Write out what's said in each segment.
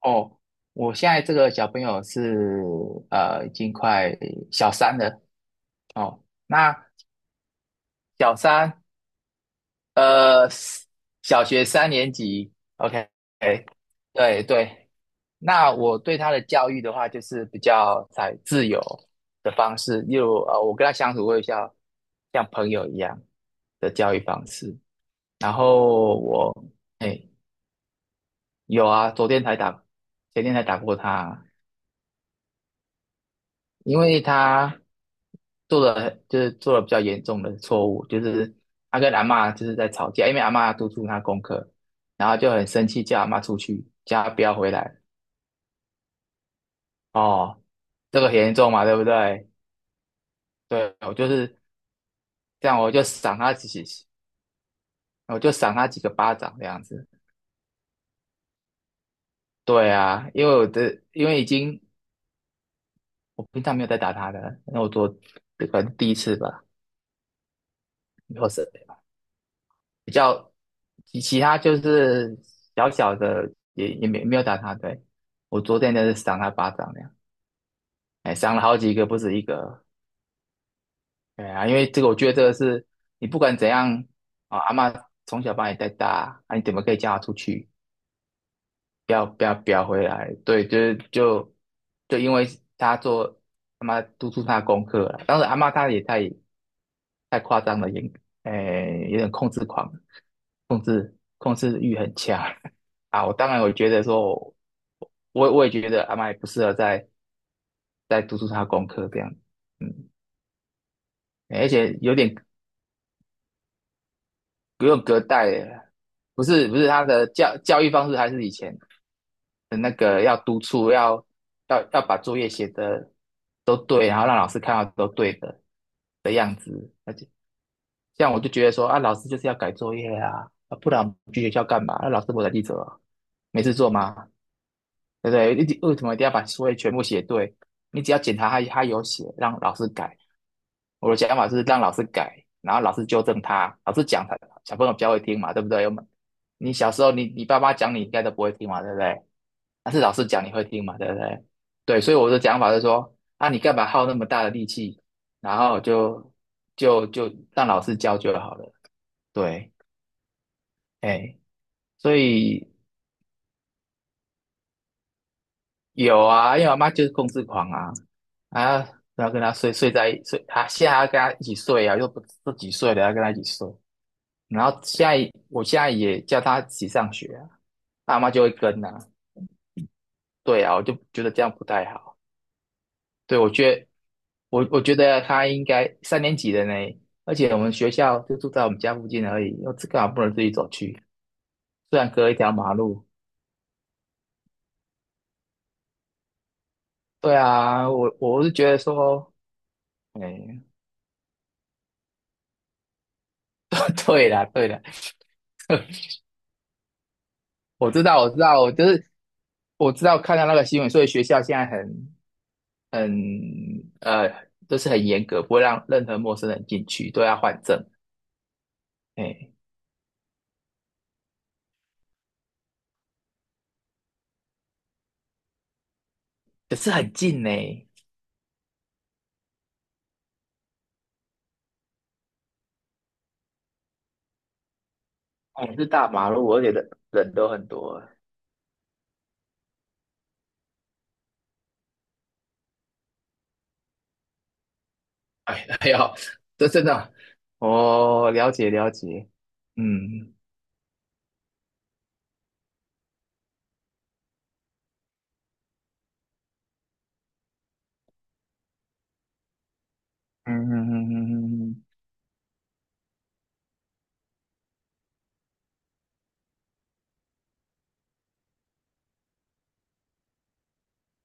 哦，我现在这个小朋友是已经快小三了哦。那小三呃，小学3年级，OK，对对。那我对他的教育的话，就是比较采自由的方式，例如我跟他相处会像朋友一样的教育方式。然后哎，有啊，昨天才打，前天才打过他，因为他就是做了比较严重的错误，就是他跟阿嬷就是在吵架，因为阿嬷督促他功课，然后就很生气，叫阿嬷出去，叫他不要回来。哦，这个很严重嘛，对不对？对，我就是这样，我就赏他几个巴掌这样子。对啊，因为已经我平常没有在打他的，那我做这个第一次吧，以后是比较其他就是小小的也没有打他，对，我昨天就是赏他巴掌那样，哎，赏了好几个，不止一个，对啊，因为这个我觉得这个是你不管怎样啊，阿嬷从小把你带大，啊，你怎么可以叫他出去，不要回来？对，就是就因为他做他妈督促他的功课了，当时阿嬷她也太夸张了，诶，有点控制狂，控制欲很强 啊。我当然，我也觉得阿麦不适合再督促他功课这样，嗯，而且有点不用隔代了不是他的教育方式还是以前的那个要督促，要把作业写的都对，然后让老师看到都对的样子，而且。这样我就觉得说啊，老师就是要改作业啊，啊不然我们去学校干嘛？那老师不才记者啊，没事做吗？对不对？为什么一定要把作业全部写对？你只要检查他有写，让老师改。我的想法是让老师改，然后老师纠正他，老师讲他小朋友比较会听嘛，对不对？你小时候你爸妈讲你应该都不会听嘛，对不对？但是老师讲你会听嘛，对不对？对，所以我的讲法是说，啊，你干嘛耗那么大的力气，然后就让老师教就好了。对，哎，所以有啊，因为我妈就是控制狂啊，啊，然后跟她睡在一睡，她现在还要跟她一起睡啊，又不自己睡，了，要跟她一起睡。然后现在现在也叫她一起上学啊，阿妈就会跟啊。对啊，我就觉得这样不太好。对，我觉得她应该三年级的呢，而且我们学校就住在我们家附近而已，又这干嘛不能自己走去？虽然隔一条马路。对啊，我是觉得说。哎，对啦，对啦，我知道，我知道，我就是我知道看到那个新闻，所以学校现在很，就是很严格，不会让任何陌生人进去，都要换证。哎，可是很近呢，也是大马路，而且人人都很多。哎，还呦，这真的，哦，了解了解，嗯嗯嗯嗯嗯嗯，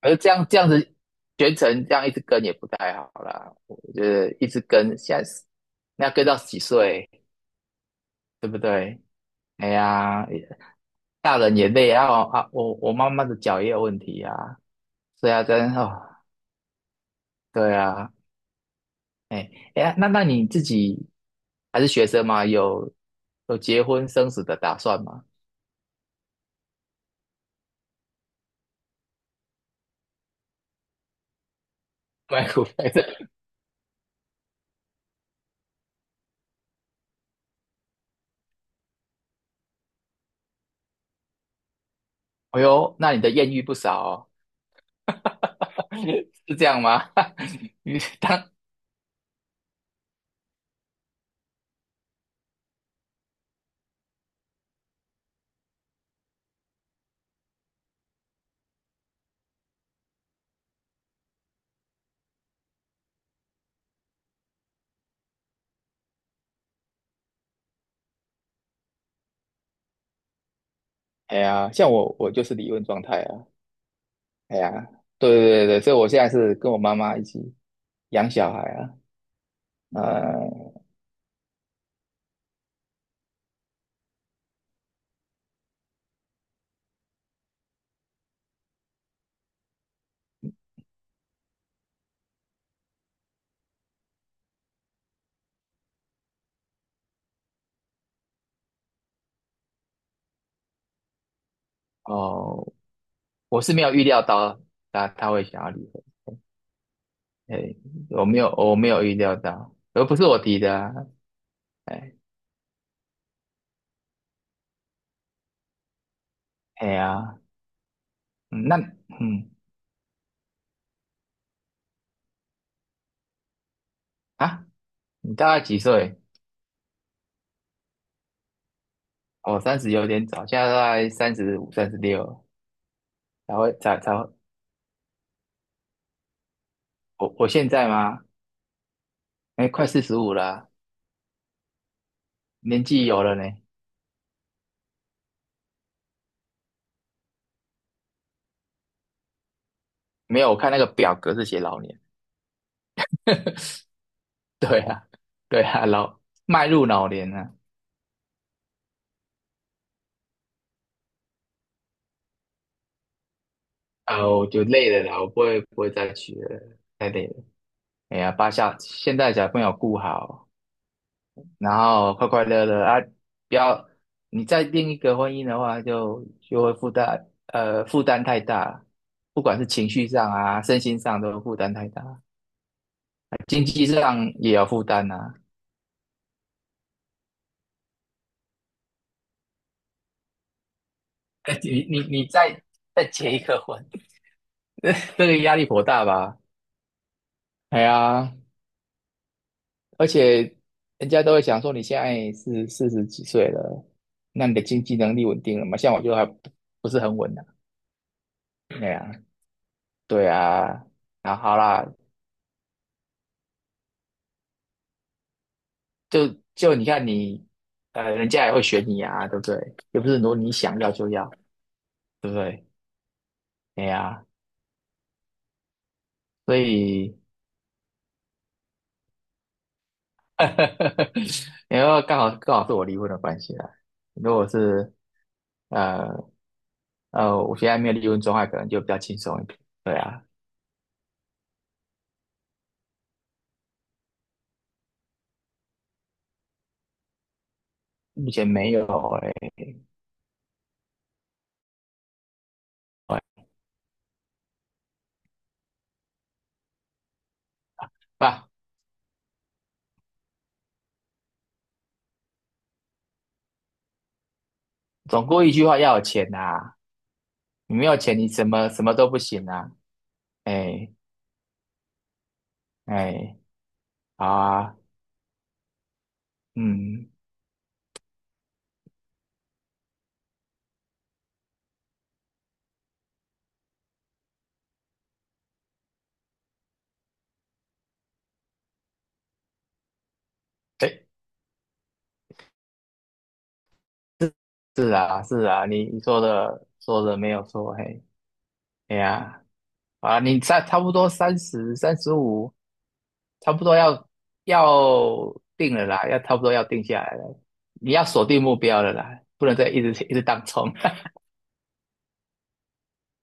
这样子全程这样一直跟也不太好啦，我觉得一直跟现在是那要跟到几岁？对不对？哎呀，大人也累啊！啊，我妈妈的脚也有问题啊，所以啊，真哦，对啊，哎哎呀，那你自己还是学生吗？有结婚生子的打算吗？买股票的，哎呦，那你的艳遇不少哦，是这样吗？你当哎呀，像我就是离婚状态啊，哎呀，对对对对，所以我现在是跟我妈妈一起养小孩啊，呃，哦，我是没有预料到他会想要离婚，哎，我没有预料到，而不是我提的啊，哎哎呀，嗯那嗯啊，你大概几岁？我三十有点早，现在大概三十五、36才会，我现在吗？哎，快45了，年纪有了呢。没有，我看那个表格是写老年，对啊，对啊，迈入老年了啊，我就累了啦，我不会再娶了，太累了。哎呀，现在小朋友顾好，然后快快乐乐啊，不要你再另一个婚姻的话就会负担负担太大，不管是情绪上啊、身心上都负担太大，经济上也有负担啊。你再结一个婚，这个压力颇大吧？哎呀，而且人家都会想说，你现在是40几岁了，那你的经济能力稳定了吗？像我就还不是很稳啊。哎呀，对啊，啊好啦，就就你看你，人家也会选你啊，对不对？又不是说你想要就要，对不对？哎呀，所以，然后刚好刚好是我离婚的关系啦。如果是呃我现在没有离婚状态，可能就比较轻松一点。对啊，目前没有哎、欸爸，总归一句话，要有钱呐、你没有钱，你什么什么都不行啊。哎哎，好啊，嗯。是啊，是啊，你说的没有错，嘿，哎呀，啊，你差不多三十、三十五，差不多要定了啦，要差不多要定下来了，你要锁定目标了啦，不能再一直一直当冲，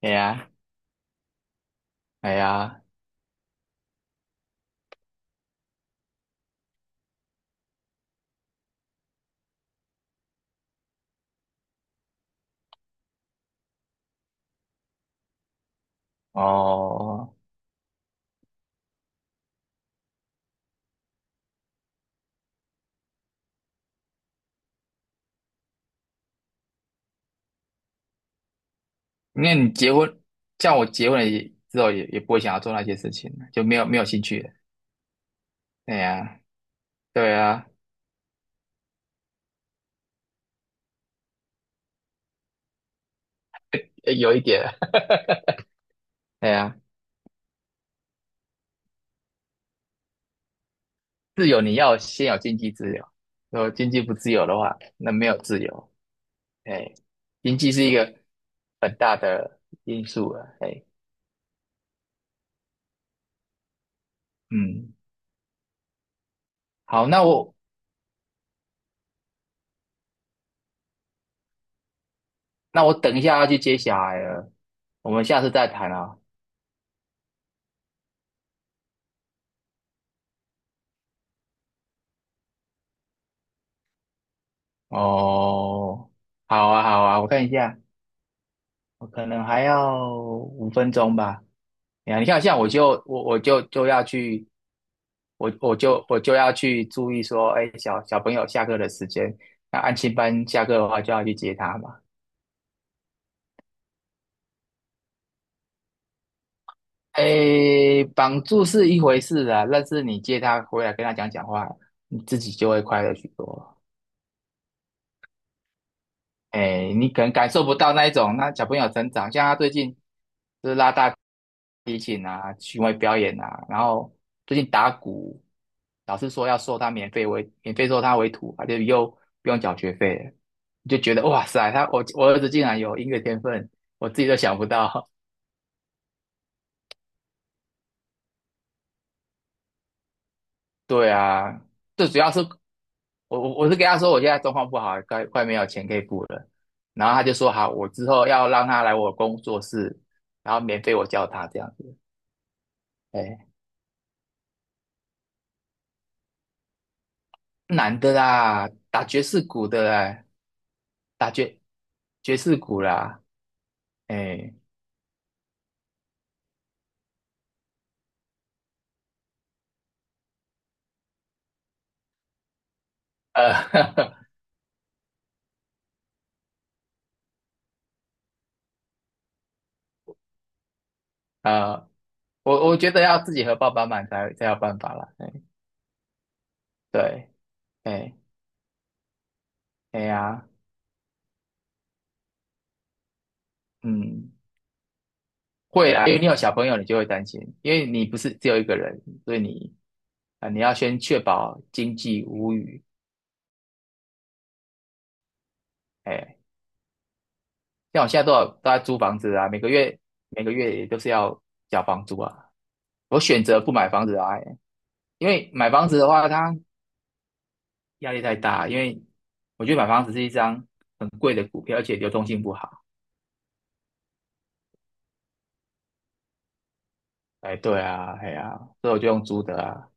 哎呀，哎呀，哦，那你结婚，像我结婚了也之后也不会想要做那些事情了，就没有兴趣了，哎呀，对啊，有一点，哎呀。自由你要先有经济自由，如果经济不自由的话，那没有自由。哎，经济是一个很大的因素了。哎，嗯，好，那我等一下要去接小孩了，我们下次再谈啊。哦，好啊，好啊，我看一下，我可能还要5分钟吧。哎呀，你看，像我就要去，我就要去注意说，哎，小小朋友下课的时间，那安亲班下课的话就要去接他嘛。哎，绑住是一回事啊，但是你接他回来跟他讲讲话，你自己就会快乐许多。哎，你可能感受不到那一种那小朋友成长，像他最近就是拉大提琴啊，巡回表演啊，然后最近打鼓，老师说要收他免费收他为徒，他就又不用缴学费了，你就觉得哇塞，我儿子竟然有音乐天分，我自己都想不到。对啊，最主要是我是跟他说我现在状况不好，快没有钱可以付了，然后他就说好，我之后要让他来我工作室，然后免费我教他这样子。哎，男的啦，打爵士鼓的啦，打爵士鼓啦，哎，呃，呃，我觉得要自己和爸爸买才有办法啦，哎，对，哎，哎呀，嗯，会啦，因为你有小朋友，你就会担心，因为你不是只有一个人，所以你啊、你要先确保经济无虞，哎，像我现在多少都在租房子啊，每个月每个月也都是要缴房租啊。我选择不买房子啊，哎因为买房子的话，它压力太大，因为我觉得买房子是一张很贵的股票，而且流动性不好。哎，对啊，哎呀、所以我就用租的啊，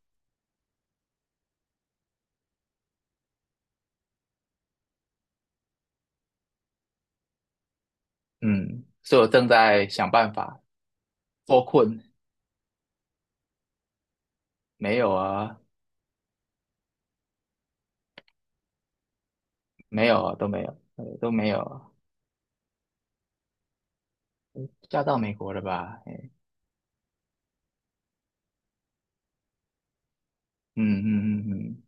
嗯，所以我正在想办法脱困，没有啊，没有啊，都没有，都没有啊，嫁到美国了吧？嗯嗯嗯嗯，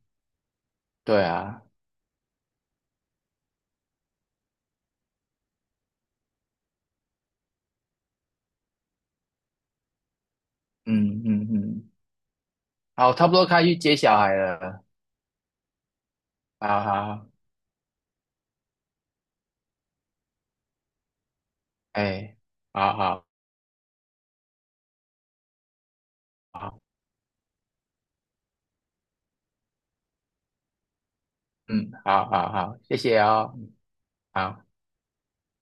对啊，嗯嗯嗯，好，差不多该去接小孩了，好好，哎，好好，嗯，好好好，谢谢哦，好。拜拜